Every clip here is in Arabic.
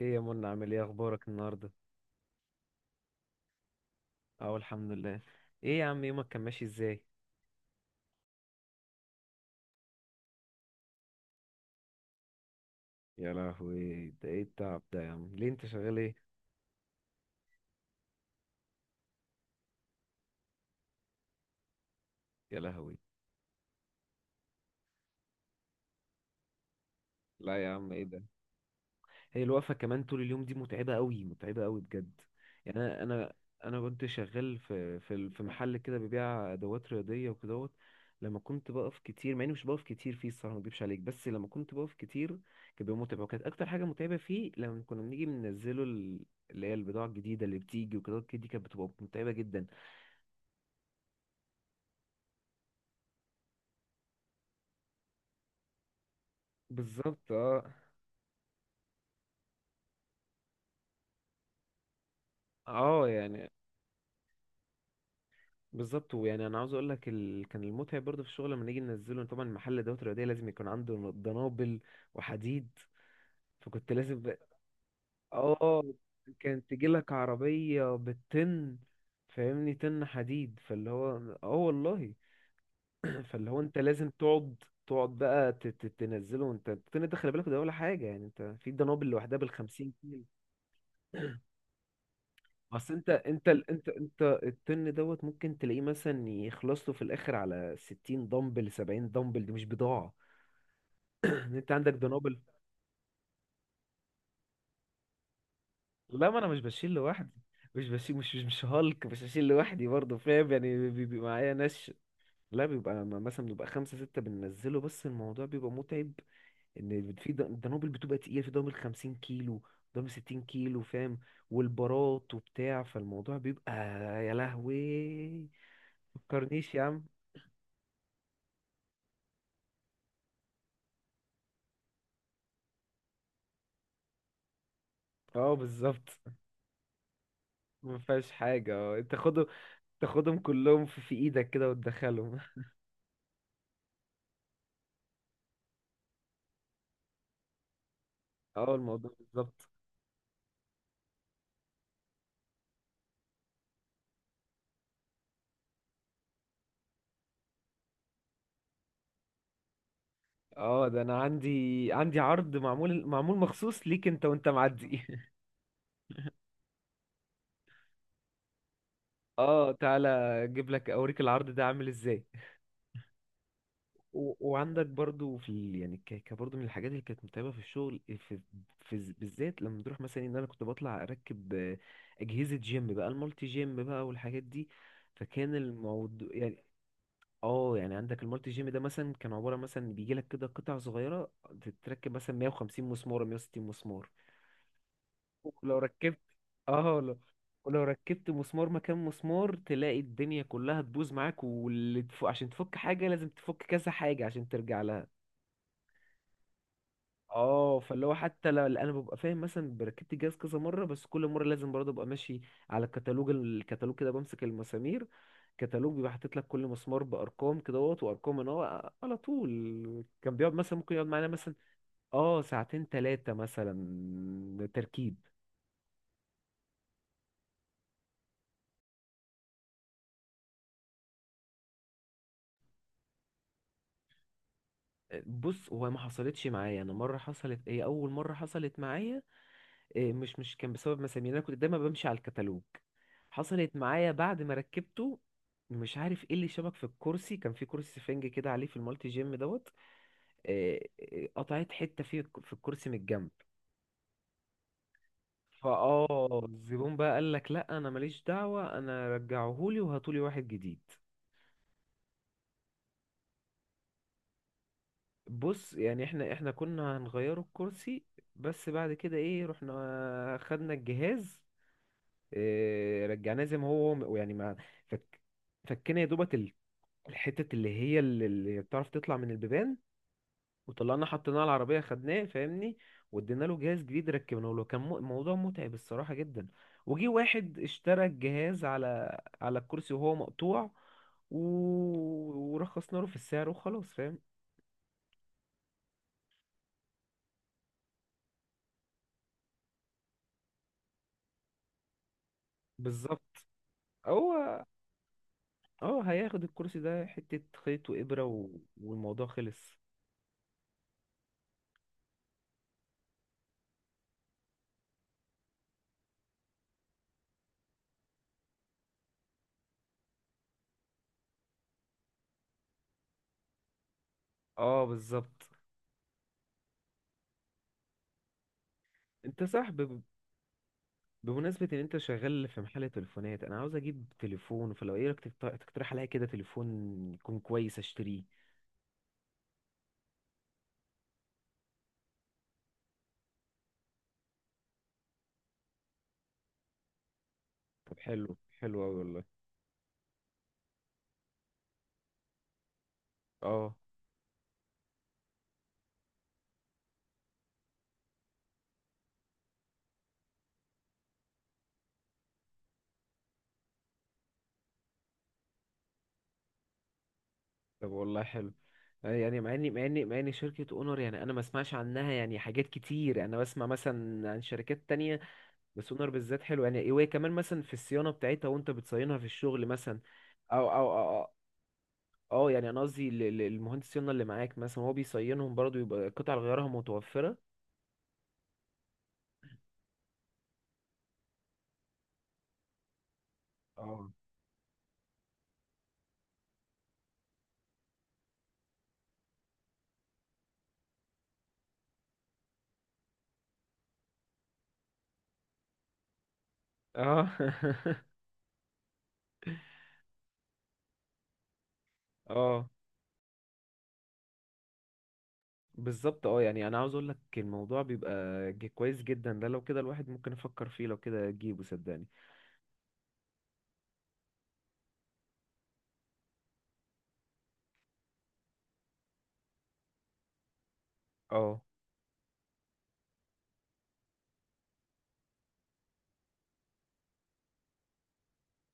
ايه يا منى، عامل ايه؟ اخبارك النهارده؟ اه، الحمد لله. ايه يا عم، يومك كان ماشي ازاي؟ يا لهوي، ده ايه التعب ده يا عم؟ ليه، انت شغال ايه؟ يا لهوي. لا يا عم، ايه ده. هي الوقفة كمان طول اليوم دي متعبة قوي متعبة قوي بجد. يعني انا انا، انا كنت شغال في في ال- في محل كده ببيع ادوات رياضية وكدهوت. لما كنت بقف كتير، مع اني مش بقف كتير فيه الصراحة، ما اكدبش عليك، بس لما كنت بقف كتير كان بيبقى متعب. وكانت اكتر حاجة متعبة فيه لما كنا بنيجي بننزله اللي هي البضاعة الجديدة اللي بتيجي وكدهوت كده، دي كانت بتبقى متعبة جدا. بالظبط، اه. اه يعني بالظبط. ويعني انا عاوز اقول لك كان المتعب برضه في الشغل لما نيجي ننزله. طبعا محل ادوات رياضيه لازم يكون عنده دنابل وحديد، فكنت لازم ب- اه، كانت تجي لك عربيه بالطن. فاهمني؟ طن حديد، فاللي هو اه والله. فاللي هو انت لازم تقعد. تقعد بقى تنزله. انت الطن ده خلي بالك، ده ولا حاجه، يعني انت في دنابل لوحدها بالخمسين. اصل انت انت ال- انت انت الطن دوت ممكن تلاقيه مثلا يخلص له في الاخر على 60 دمبل 70 دمبل، دي مش بضاعه. ان انت عندك دنابل. لا، ما انا مش بشيل لوحدي. مش هالك، مش هشيل لوحدي برضه، فاهم يعني بيبقى معايا ناس. لا، مثلا بيبقى خمسة ستة بننزله، بس الموضوع بيبقى متعب. ان في دنابل بتبقى تقيلة، في دنابل 50 كيلو، دنابل 60 كيلو، فاهم. والبارات وبتاع، فالموضوع بيبقى، يا لهوي. فكرنيش يا عم. اه بالظبط. ما فيهاش حاجة، اه، تاخدهم. تاخدهم كلهم في ايدك كده وتدخلهم. اه، الموضوع بالظبط. اه، ده انا عندي، عرض معمول، مخصوص ليك انت وانت معدي. اه تعالى. اجيب لك، اوريك العرض ده عامل ازاي. وعندك برضو في يعني برضو من الحاجات اللي كانت متعبة في الشغل بالذات لما بنروح مثلا ان انا كنت بطلع اركب، اجهزة جيم بقى، المالتي جيم بقى والحاجات دي. فكان الموضوع يعني، اه، يعني عندك المالتي جيم ده مثلا كان عباره مثلا، بيجي لك كده قطع صغيره تتركب مثلا 150 مسمار 160 مسمار. ولو ركبت، اه لو ولو ركبت مسمار مكان مسمار، تلاقي الدنيا كلها تبوظ معاك. واللي تفك، عشان تفك حاجه لازم تفك كذا حاجه عشان ترجع لها. اه، فاللي هو حتى لو انا ببقى فاهم، مثلا بركبت الجهاز كذا مره، بس كل مره لازم برضه ابقى ماشي على الكتالوج. الكتالوج كده بمسك المسامير، كتالوج بيبقى حاطط لك كل مسمار بارقام كده اهوت، وارقام ان هو على طول. كان بيقعد مثلا، ممكن يقعد معانا مثلا اه ساعتين ثلاثه، مثلا تركيب. بص، هو ما حصلتش معايا انا مره، حصلت. ايه، اول مره حصلت معايا مش كان بسبب مسامير، انا كنت دايما بمشي على الكتالوج. حصلت معايا بعد ما ركبته، مش عارف ايه اللي شبك في الكرسي، كان في كرسي سفنج كده عليه في المالتي جيم دوت. إيه، إيه، قطعت حتة فيه في الكرسي من الجنب. فاه، الزبون بقى قال لك لا، انا ماليش دعوة، انا رجعهولي وهاتولي واحد جديد. بص، يعني احنا كنا هنغيره الكرسي، بس بعد كده، ايه، رحنا خدنا الجهاز، رجعناه زي ما هو، يعني ما فك، فكنا يا دوبك الحتت اللي هي اللي بتعرف تطلع من البيبان، وطلعنا حطيناه على العربية، خدناه فاهمني، وادينا له جهاز جديد، ركبناه له. كان موضوع متعب الصراحة جدا. وجي واحد اشترى الجهاز على على الكرسي وهو مقطوع، و... ورخصنا له في السعر، وخلاص فاهم. بالظبط. هو، اه، هياخد الكرسي ده حتة خيط وإبرة و... والموضوع خلص. اه، بالظبط. انت صح. بمناسبة ان انت شغال في محل تليفونات، انا عاوز اجيب تليفون، فلو، ايه رأيك تقت-، تقترح عليا كده تليفون يكون كويس اشتريه؟ طب حلو حلو اوي والله. اه، طب والله حلو. يعني مع اني شركة اونر، يعني انا ما اسمعش عنها يعني حاجات كتير، انا بسمع مثلا عن شركات تانية، بس اونر بالذات حلو يعني. وهي كمان مثلا في الصيانة بتاعتها وانت بتصينها في الشغل مثلا، او أو يعني انا قصدي ل المهندس الصيانة اللي معاك مثلا، هو بيصينهم برضو، يبقى قطع غيارها متوفرة. اه، اه. اه بالظبط. اه يعني انا عاوز اقول لك الموضوع بيبقى كويس جدا. ده لو كده الواحد ممكن يفكر فيه، لو كده اجيبه صدقني. اه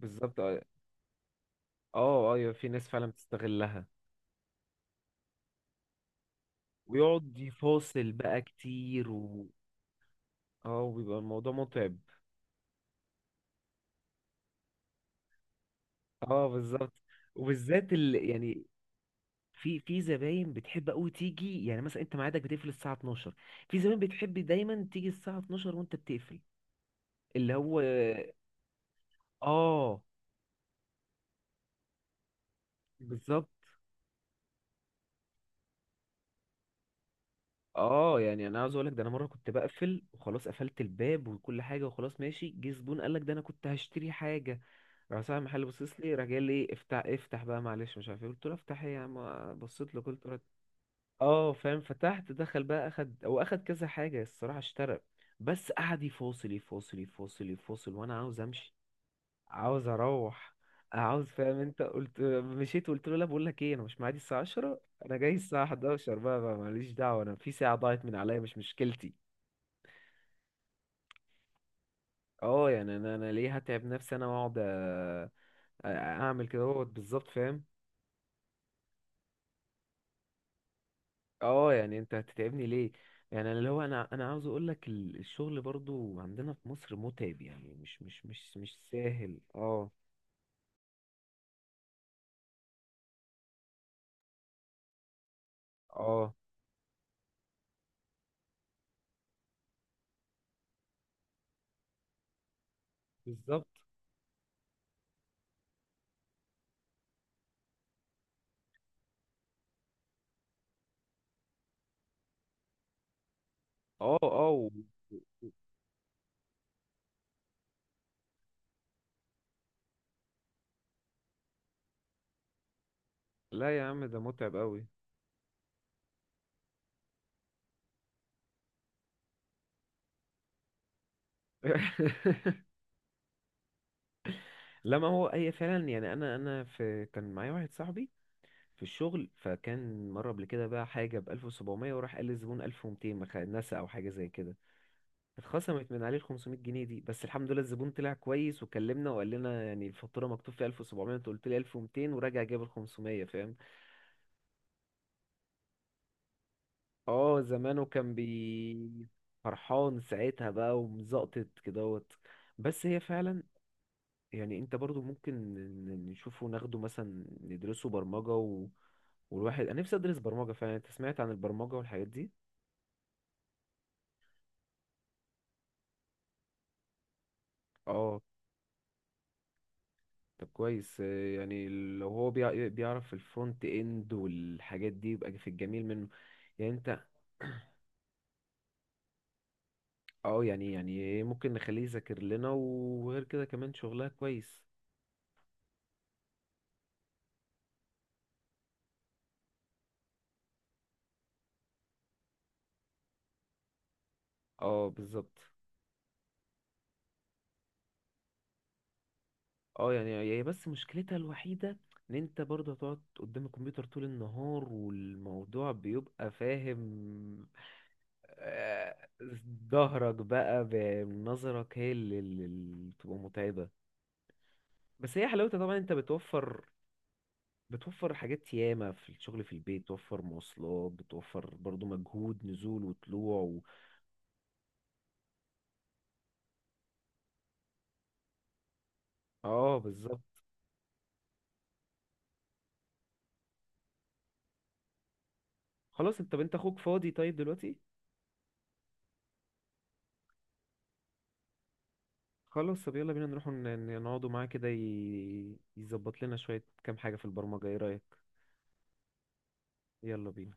بالظبط. اه اه، ايوه في ناس فعلا بتستغلها. ويقعد يفاصل بقى كتير، و اه، وبيبقى الموضوع متعب. اه، بالظبط. وبالذات يعني في زباين بتحب قوي تيجي، يعني مثلا انت ميعادك بتقفل الساعه 12، في زباين بتحب دايما تيجي الساعه 12 وانت بتقفل. اللي هو، اه، بالظبط. اه يعني انا عاوز اقول لك، ده انا مره كنت بقفل وخلاص، قفلت الباب وكل حاجه وخلاص ماشي، جه زبون قال لك ده انا كنت هشتري حاجه. راح صاحب المحل باصص لي، راح جاي قال لي افتح افتح بقى معلش، مش عارف ايه. قلت له افتح ايه يا عم؟ بصيت له قلت له، اه فاهم، فتحت. دخل بقى، اخد، هو اخد كذا حاجه الصراحه، اشترى، بس قعد يفاصل يفاصل يفاصل يفاصل وانا عاوز امشي، عاوز اروح، عاوز، فاهم انت، قلت مشيت، وقلت له لا، بقول لك ايه، انا مش معادي الساعه 10، انا جاي الساعه 11 بقى ماليش دعوه، انا في ساعه ضاعت من عليا، مش مشكلتي. اه، يعني انا ليه هتعب نفسي انا واقعد اعمل كده اهوت، بالظبط فاهم. اه، يعني انت هتتعبني ليه؟ يعني انا اللي هو، انا عاوز اقول لك الشغل برضو عندنا في مصر متعب، يعني مش سهل اه. اه بالظبط. اه اه، لا يا عم ده متعب قوي. لا ما هو، هي فعلا، يعني انا في، كان معايا واحد صاحبي في الشغل، فكان مره قبل كده بقى حاجه ب 1700، وراح قال للزبون 1200، نسى او حاجه زي كده، اتخصمت من عليه ال 500 جنيه دي. بس الحمد لله الزبون طلع كويس، وكلمنا وقال لنا يعني الفاتوره مكتوب فيها 1700، انت قلت لي 1200، وراجع جاب ال 500 فاهم. اه، زمانه كان بي، فرحان ساعتها بقى ومزقطط كدهوت. بس هي فعلا، يعني انت برضو ممكن نشوفه، ناخده مثلا ندرسه برمجة و... والواحد، انا نفسي ادرس برمجة فعلا. انت سمعت عن البرمجة والحاجات دي؟ اه طب كويس. يعني لو هو بيعرف في الفرونت اند والحاجات دي يبقى في الجميل منه. يعني انت، اه يعني، يعني ممكن نخليه يذاكر لنا، وغير كده كمان شغلها كويس. اه بالظبط. اه يعني هي بس مشكلتها الوحيدة ان انت برضه هتقعد قدام الكمبيوتر طول النهار، والموضوع بيبقى فاهم. آه، ظهرك بقى، بنظرك، هي اللي بتبقى متعبة. بس هي حلاوتها طبعا انت بتوفر، بتوفر حاجات ياما، في الشغل في البيت بتوفر مواصلات، بتوفر برضو مجهود نزول وطلوع و... اه بالظبط. خلاص، انت، انت اخوك فاضي طيب دلوقتي؟ خلاص، طب يلا بينا نروح نقعدوا معاه كده، يظبط لنا شوية كام حاجة في البرمجة، ايه رأيك؟ يلا بينا.